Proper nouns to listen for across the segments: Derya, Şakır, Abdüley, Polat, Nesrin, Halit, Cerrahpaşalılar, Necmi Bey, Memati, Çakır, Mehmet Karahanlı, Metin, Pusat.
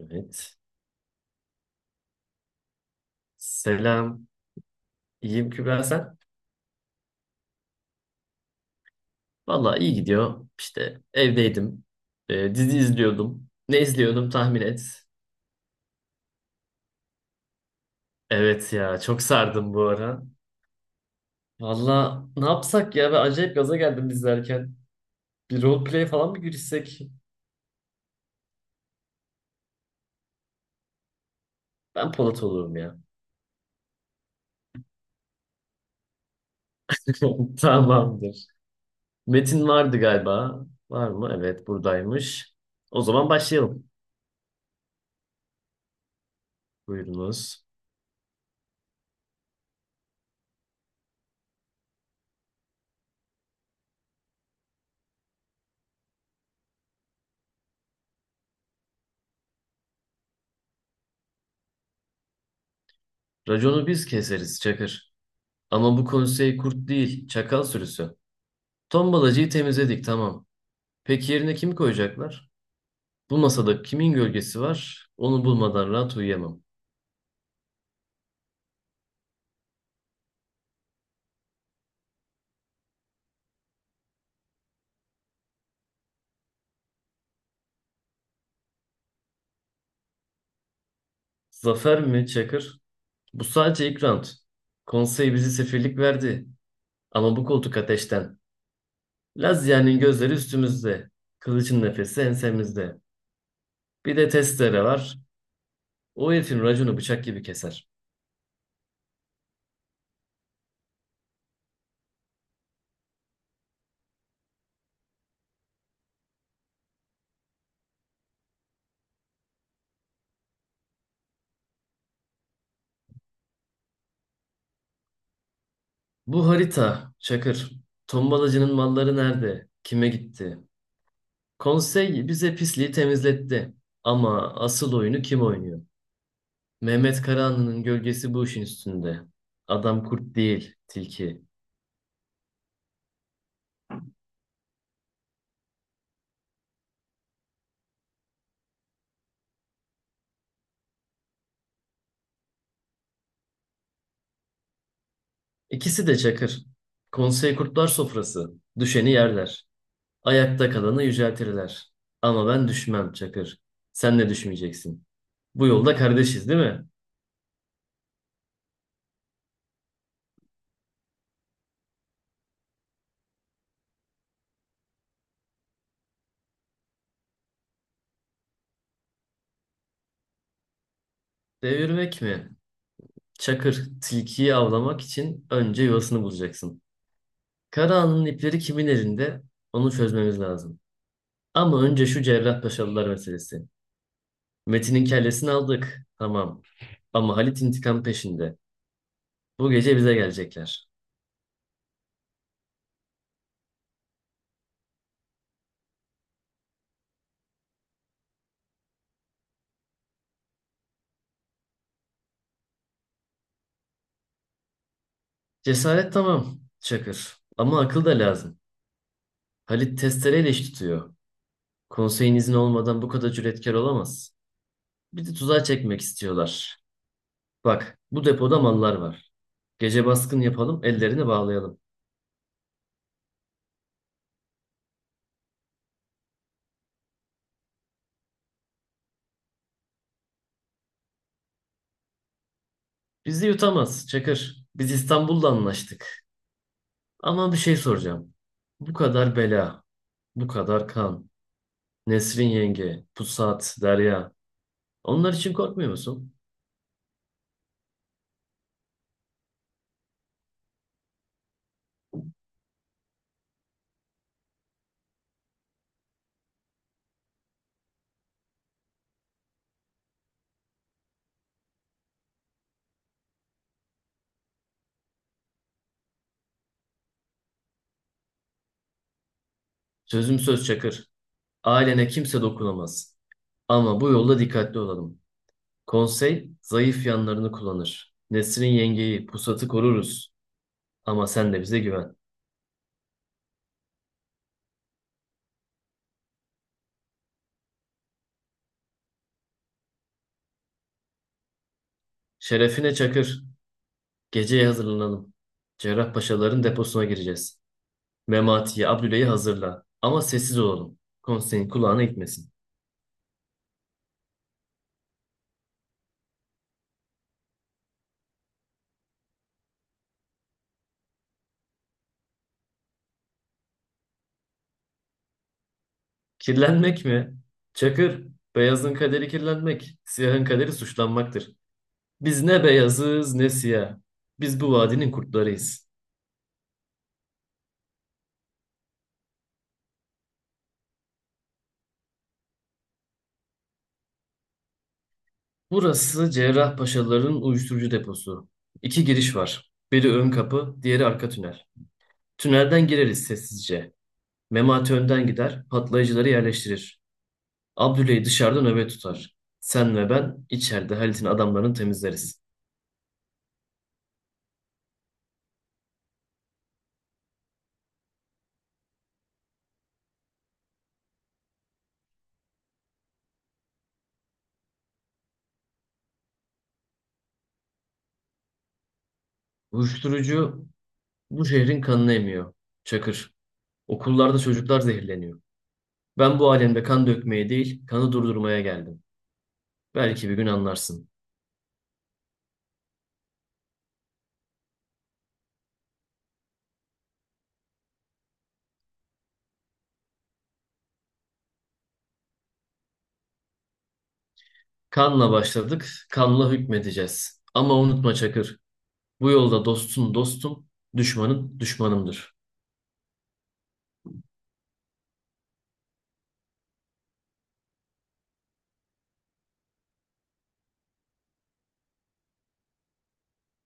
Evet. Selam. İyiyim Kübra sen? Valla iyi gidiyor. İşte evdeydim. Dizi izliyordum. Ne izliyordum tahmin et. Evet ya çok sardım bu ara. Valla ne yapsak ya? Ben acayip gaza geldim izlerken. Bir roleplay falan mı girişsek? Ben Polat olurum ya. Tamamdır. Metin vardı galiba. Var mı? Evet buradaymış. O zaman başlayalım. Buyurunuz. Raconu biz keseriz Çakır. Ama bu konsey kurt değil, çakal sürüsü. Tombalacıyı temizledik tamam. Peki yerine kimi koyacaklar? Bu masada kimin gölgesi var? Onu bulmadan rahat uyuyamam. Zafer mi Çakır? Bu sadece ilk round. Konsey bizi sefirlik verdi. Ama bu koltuk ateşten. Lazia'nın gözleri üstümüzde. Kılıcın nefesi ensemizde. Bir de testere var. O herifin raconu bıçak gibi keser. Bu harita, Çakır. Tombalacının malları nerede? Kime gitti? Konsey bize pisliği temizletti. Ama asıl oyunu kim oynuyor? Mehmet Karahanlı'nın gölgesi bu işin üstünde. Adam kurt değil, tilki. İkisi de çakır. Konsey kurtlar sofrası. Düşeni yerler. Ayakta kalanı yüceltirler. Ama ben düşmem çakır. Sen de düşmeyeceksin. Bu yolda kardeşiz değil mi? Devirmek mi? Çakır, tilkiyi avlamak için önce yuvasını bulacaksın. Karahanlı'nın ipleri kimin elinde? Onu çözmemiz lazım. Ama önce şu Cerrahpaşalılar meselesi. Metin'in kellesini aldık. Tamam. Ama Halit intikam peşinde. Bu gece bize gelecekler. Cesaret tamam, Çakır. Ama akıl da lazım. Halit testereyle iş tutuyor. Konseyin izni olmadan bu kadar cüretkar olamaz. Bir de tuzağa çekmek istiyorlar. Bak, bu depoda mallar var. Gece baskın yapalım, ellerini bağlayalım. Bizi yutamaz, Çakır. Biz İstanbul'da anlaştık. Ama bir şey soracağım. Bu kadar bela, bu kadar kan. Nesrin yenge, Pusat, Derya. Onlar için korkmuyor musun? Sözüm söz Çakır. Ailene kimse dokunamaz. Ama bu yolda dikkatli olalım. Konsey zayıf yanlarını kullanır. Nesrin yengeyi, pusatı koruruz. Ama sen de bize güven. Şerefine Çakır. Geceye hazırlanalım. Cerrahpaşaların deposuna gireceğiz. Memati'yi, Abdüle'yi hazırla. Ama sessiz olalım. Konseyin kulağına gitmesin. Kirlenmek mi? Çakır, beyazın kaderi kirlenmek, siyahın kaderi suçlanmaktır. Biz ne beyazız ne siyah. Biz bu vadinin kurtlarıyız. Burası Cerrahpaşalıların uyuşturucu deposu. İki giriş var. Biri ön kapı, diğeri arka tünel. Tünelden gireriz sessizce. Memati önden gider, patlayıcıları yerleştirir. Abdüley dışarıda nöbet tutar. Sen ve ben içeride Halit'in adamlarını temizleriz. Uyuşturucu bu şehrin kanını emiyor. Çakır. Okullarda çocuklar zehirleniyor. Ben bu alemde kan dökmeye değil, kanı durdurmaya geldim. Belki bir gün anlarsın. Kanla başladık, kanla hükmedeceğiz. Ama unutma Çakır. Bu yolda dostun dostum, düşmanın düşmanımdır.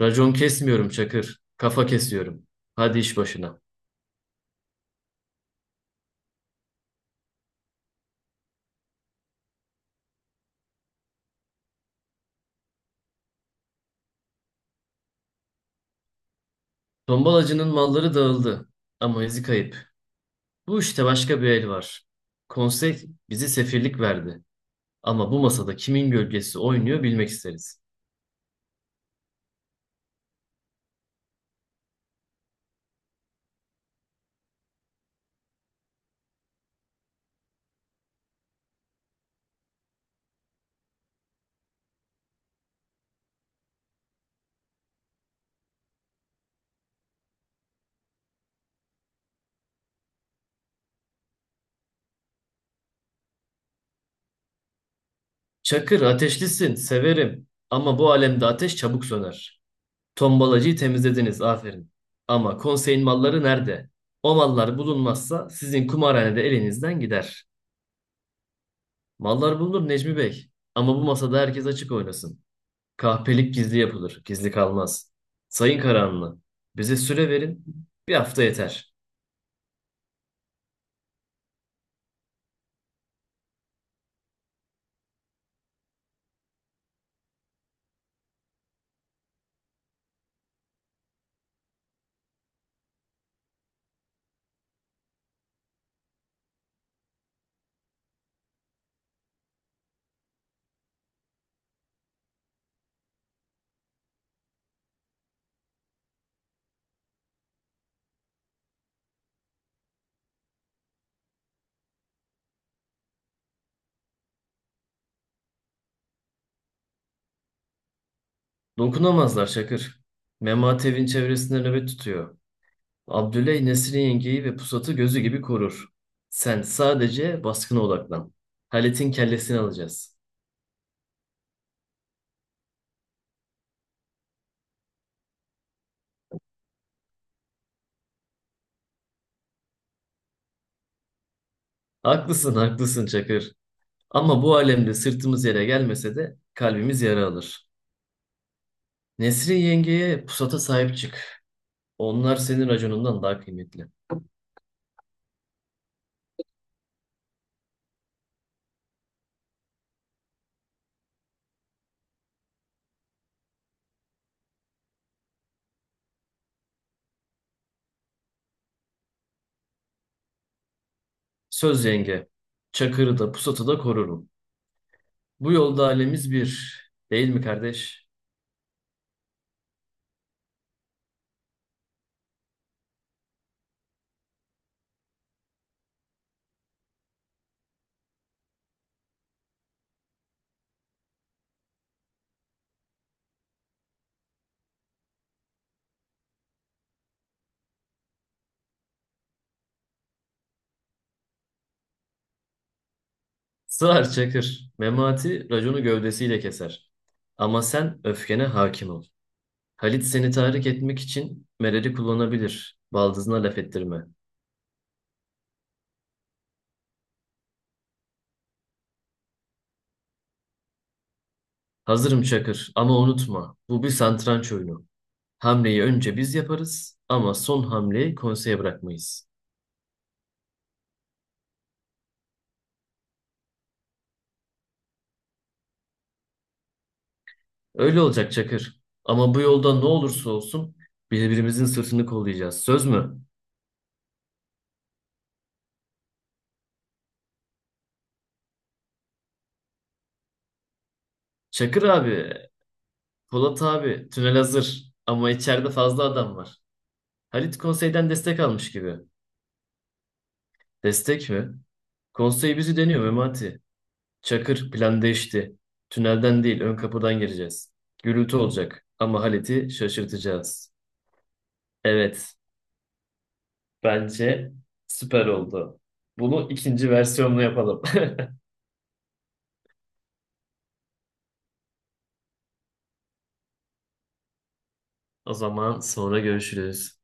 Racon kesmiyorum Çakır, kafa kesiyorum. Hadi iş başına. Tombalacının malları dağıldı ama izi kayıp. Bu işte başka bir el var. Konsey bizi sefirlik verdi. Ama bu masada kimin gölgesi oynuyor bilmek isteriz. Çakır ateşlisin, severim. Ama bu alemde ateş çabuk söner. Tombalacıyı temizlediniz, aferin. Ama konseyin malları nerede? O mallar bulunmazsa sizin kumarhanede elinizden gider. Mallar bulunur Necmi Bey. Ama bu masada herkes açık oynasın. Kahpelik gizli yapılır, gizli kalmaz. Sayın Karahanlı, bize süre verin, bir hafta yeter. Dokunamazlar Şakır. Memat evin çevresinde nöbet tutuyor. Abdüley Nesrin yengeyi ve pusatı gözü gibi korur. Sen sadece baskına odaklan. Halit'in kellesini alacağız. Haklısın, haklısın Çakır. Ama bu alemde sırtımız yere gelmese de kalbimiz yara alır. Nesrin yengeye pusata sahip çık. Onlar senin raconundan daha kıymetli. Söz yenge, çakırı da pusatı da korurum. Bu yolda alemiz bir, değil mi kardeş? Sığar çakır, memati raconu gövdesiyle keser. Ama sen öfkene hakim ol. Halit seni tahrik etmek için Meral'i kullanabilir. Baldızına laf ettirme. Hazırım Çakır ama unutma bu bir satranç oyunu. Hamleyi önce biz yaparız ama son hamleyi konseye bırakmayız. Öyle olacak Çakır. Ama bu yolda ne olursa olsun birbirimizin sırtını kollayacağız. Söz mü? Çakır abi, Polat abi, tünel hazır. Ama içeride fazla adam var. Halit konseyden destek almış gibi. Destek mi? Konsey bizi deniyor Memati. Çakır plan değişti. Tünelden değil ön kapıdan gireceğiz. Gürültü olacak ama Halit'i şaşırtacağız. Evet, bence süper oldu. Bunu ikinci versiyonla yapalım. O zaman sonra görüşürüz.